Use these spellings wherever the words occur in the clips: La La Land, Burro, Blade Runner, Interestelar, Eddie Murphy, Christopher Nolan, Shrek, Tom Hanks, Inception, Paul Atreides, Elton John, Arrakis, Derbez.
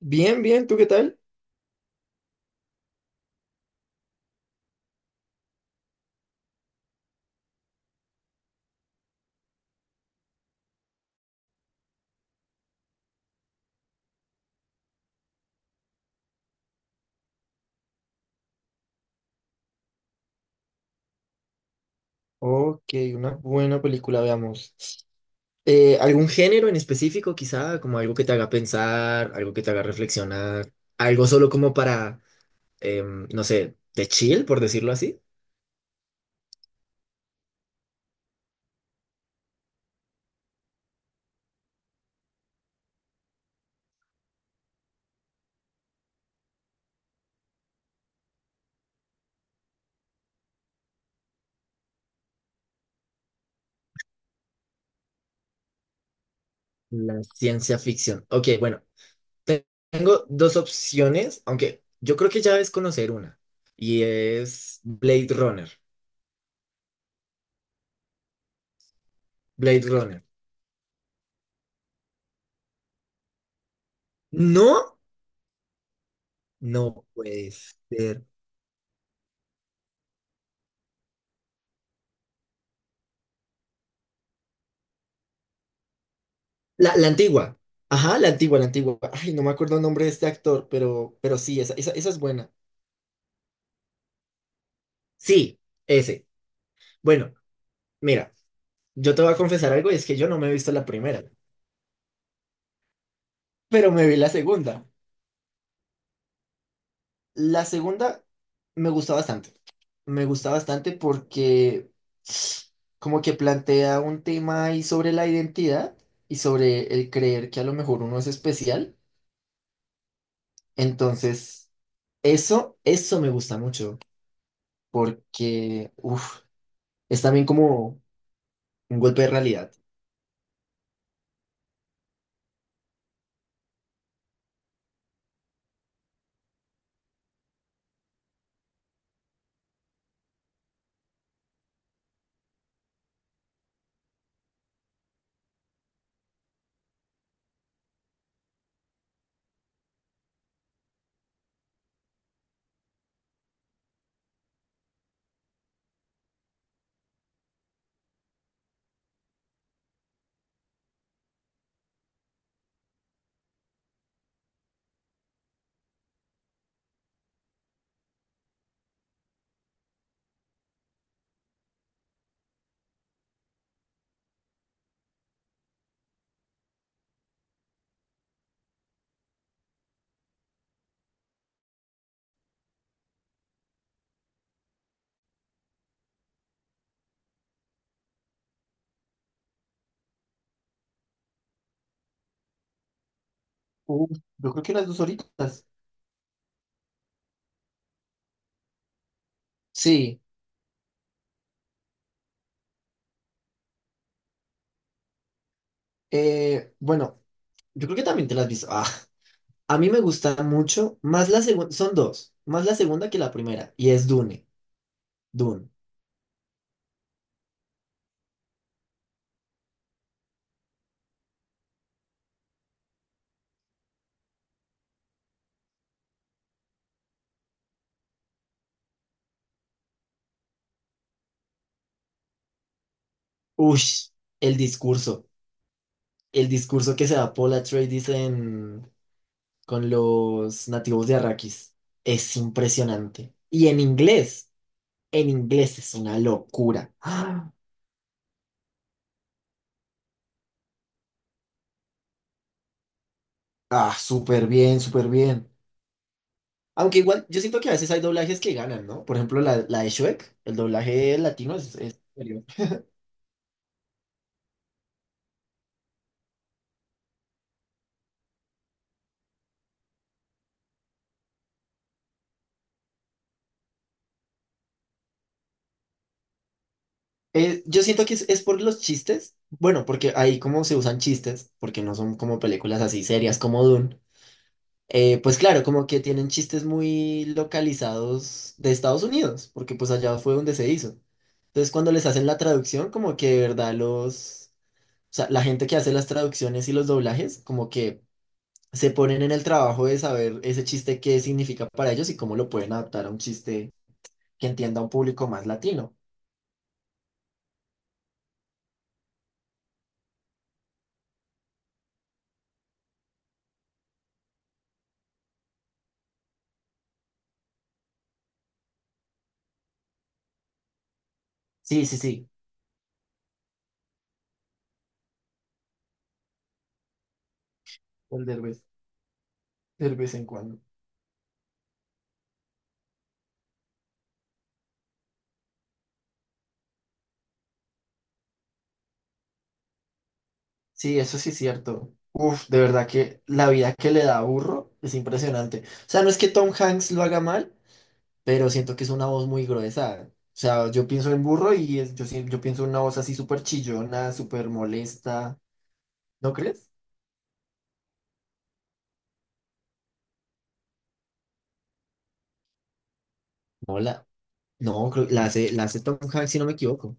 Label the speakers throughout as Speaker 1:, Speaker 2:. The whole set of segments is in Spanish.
Speaker 1: Bien, bien, ¿tú qué tal? Ok, una buena película, veamos. ¿Algún género en específico, quizá? Como algo que te haga pensar, algo que te haga reflexionar, algo solo como para, no sé, de chill, por decirlo así. La ciencia ficción. Ok, bueno, te- tengo dos opciones, aunque yo creo que ya es conocer una, y es Blade Runner. Blade Runner. No, no puede ser. La antigua. Ajá, la antigua, la antigua. Ay, no me acuerdo el nombre de este actor, pero sí, esa es buena. Sí, ese. Bueno, mira, yo te voy a confesar algo, y es que yo no me he visto la primera, pero me vi la segunda. La segunda me gusta bastante. Me gusta bastante porque como que plantea un tema ahí sobre la identidad y sobre el creer que a lo mejor uno es especial. Entonces, eso me gusta mucho. Porque, uff, es también como un golpe de realidad. Uf, yo creo que las 2 horitas. Sí, bueno, yo creo que también te las has visto. Ah, a mí me gusta mucho, más la segunda, son dos, más la segunda que la primera, y es Dune, Dune. Ush, el discurso, el discurso que se da Paul Atreides en, con los nativos de Arrakis, es impresionante. Y en inglés es una locura. Ah, ah, súper bien, súper bien. Aunque igual, yo siento que a veces hay doblajes que ganan, ¿no? Por ejemplo, la de Shrek, el doblaje latino es superior. Yo siento que es por los chistes. Bueno, porque ahí como se usan chistes, porque no son como películas así serias como Dune. Pues claro, como que tienen chistes muy localizados de Estados Unidos, porque pues allá fue donde se hizo. Entonces, cuando les hacen la traducción, como que de verdad los... O sea, la gente que hace las traducciones y los doblajes, como que se ponen en el trabajo de saber ese chiste qué significa para ellos y cómo lo pueden adaptar a un chiste que entienda a un público más latino. Sí, sí, sí, el Derbez, de vez en cuando. Sí, eso sí es cierto. Uf, de verdad que la vida que le da a Burro es impresionante. O sea, no es que Tom Hanks lo haga mal, pero siento que es una voz muy gruesa. O sea, yo pienso en Burro y yo, yo pienso en una voz así súper chillona, súper molesta. ¿No crees? No, no, la hace Tom Hanks si no me equivoco.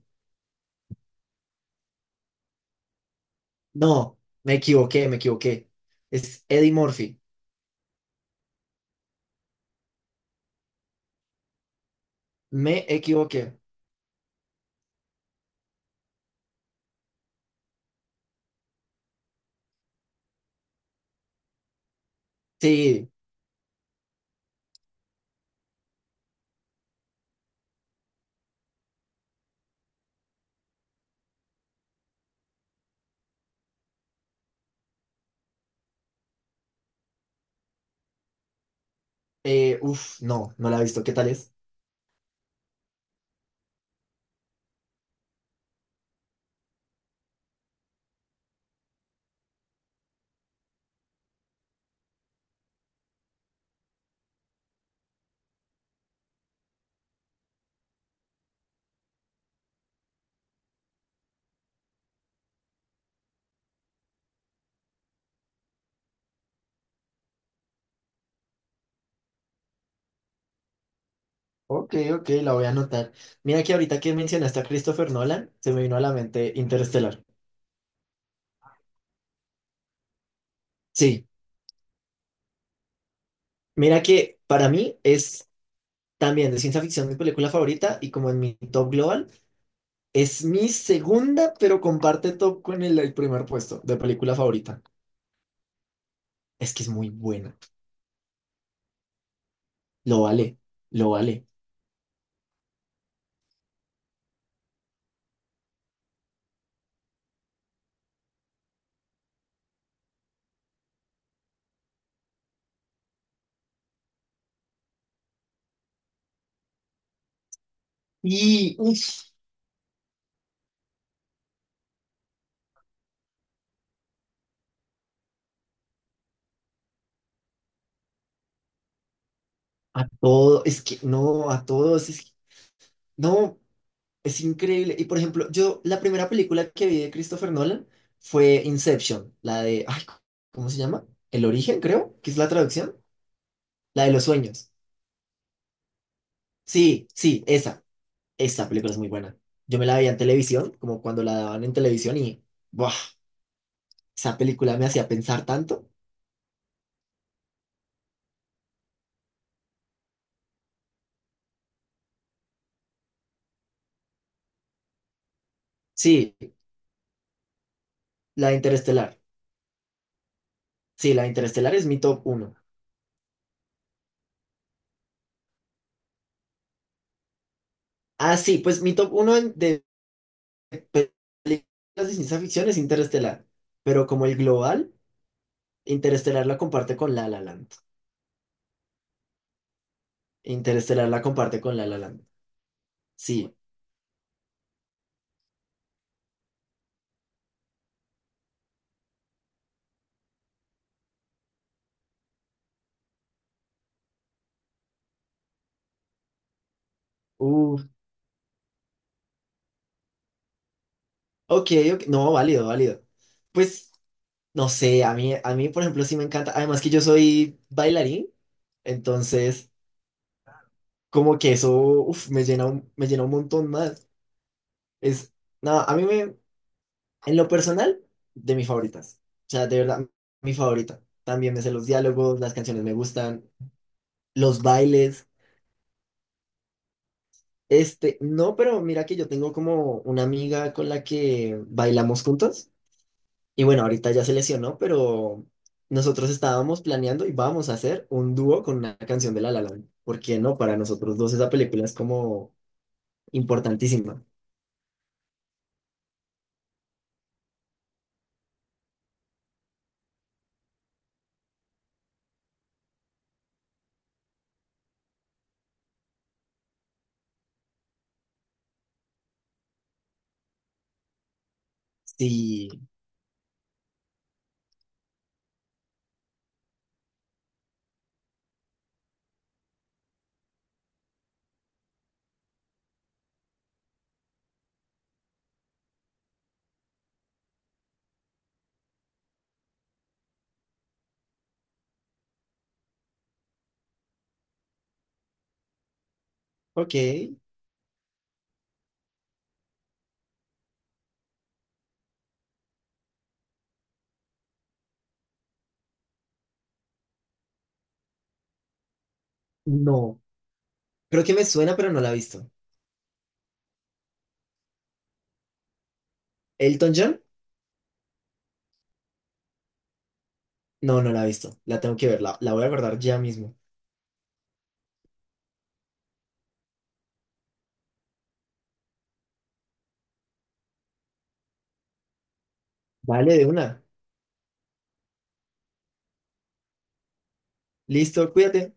Speaker 1: No, me equivoqué, me equivoqué. Es Eddie Murphy. Me equivoqué. Sí, uff, no, no la he visto. ¿Qué tal es? Ok, ok, la voy a anotar. Mira que ahorita que mencionaste a Christopher Nolan, se me vino a la mente Interestelar. Sí, mira que para mí es también de ciencia ficción mi película favorita y como en mi top global, es mi segunda, pero comparte top con el primer puesto de película favorita. Es que es muy buena. Lo vale, lo vale. Y, uff. A todo, es que no, a todos, es que- no, es increíble. Y por ejemplo, yo, la primera película que vi de Christopher Nolan fue Inception, la de, ay, ¿cómo se llama? El origen, creo, que es la traducción, la de los sueños. Sí, sí, esa película es muy buena. Yo me la veía en televisión, como cuando la daban en televisión y, ¡buah! Esa película me hacía pensar tanto. Sí, la de Interestelar. Sí, la de Interestelar es mi top uno. Ah, sí, pues mi top uno de películas de ciencia ficción es Interestelar, pero como el global, Interestelar la comparte con La La Land. Interestelar la comparte con La La Land. Sí. Uf. Ok, ok. No, válido, válido. Pues, no sé, a mí, por ejemplo, sí me encanta. Además que yo soy bailarín, entonces, como que eso, uf, me llena un montón más. Es, nada, a mí me, en lo personal, de mis favoritas. O sea, de verdad, mi favorita. También me sé los diálogos, las canciones me gustan, los bailes. Este, no, pero mira que yo tengo como una amiga con la que bailamos juntos. Y bueno, ahorita ya se lesionó, pero nosotros estábamos planeando y vamos a hacer un dúo con una canción de La La Land. ¿Por qué no? Para nosotros dos esa película es como importantísima. Sí, ok. No, creo que me suena, pero no la he visto. ¿Elton John? No, no la he visto. La tengo que ver, la voy a guardar ya mismo. Vale, de una. Listo, cuídate.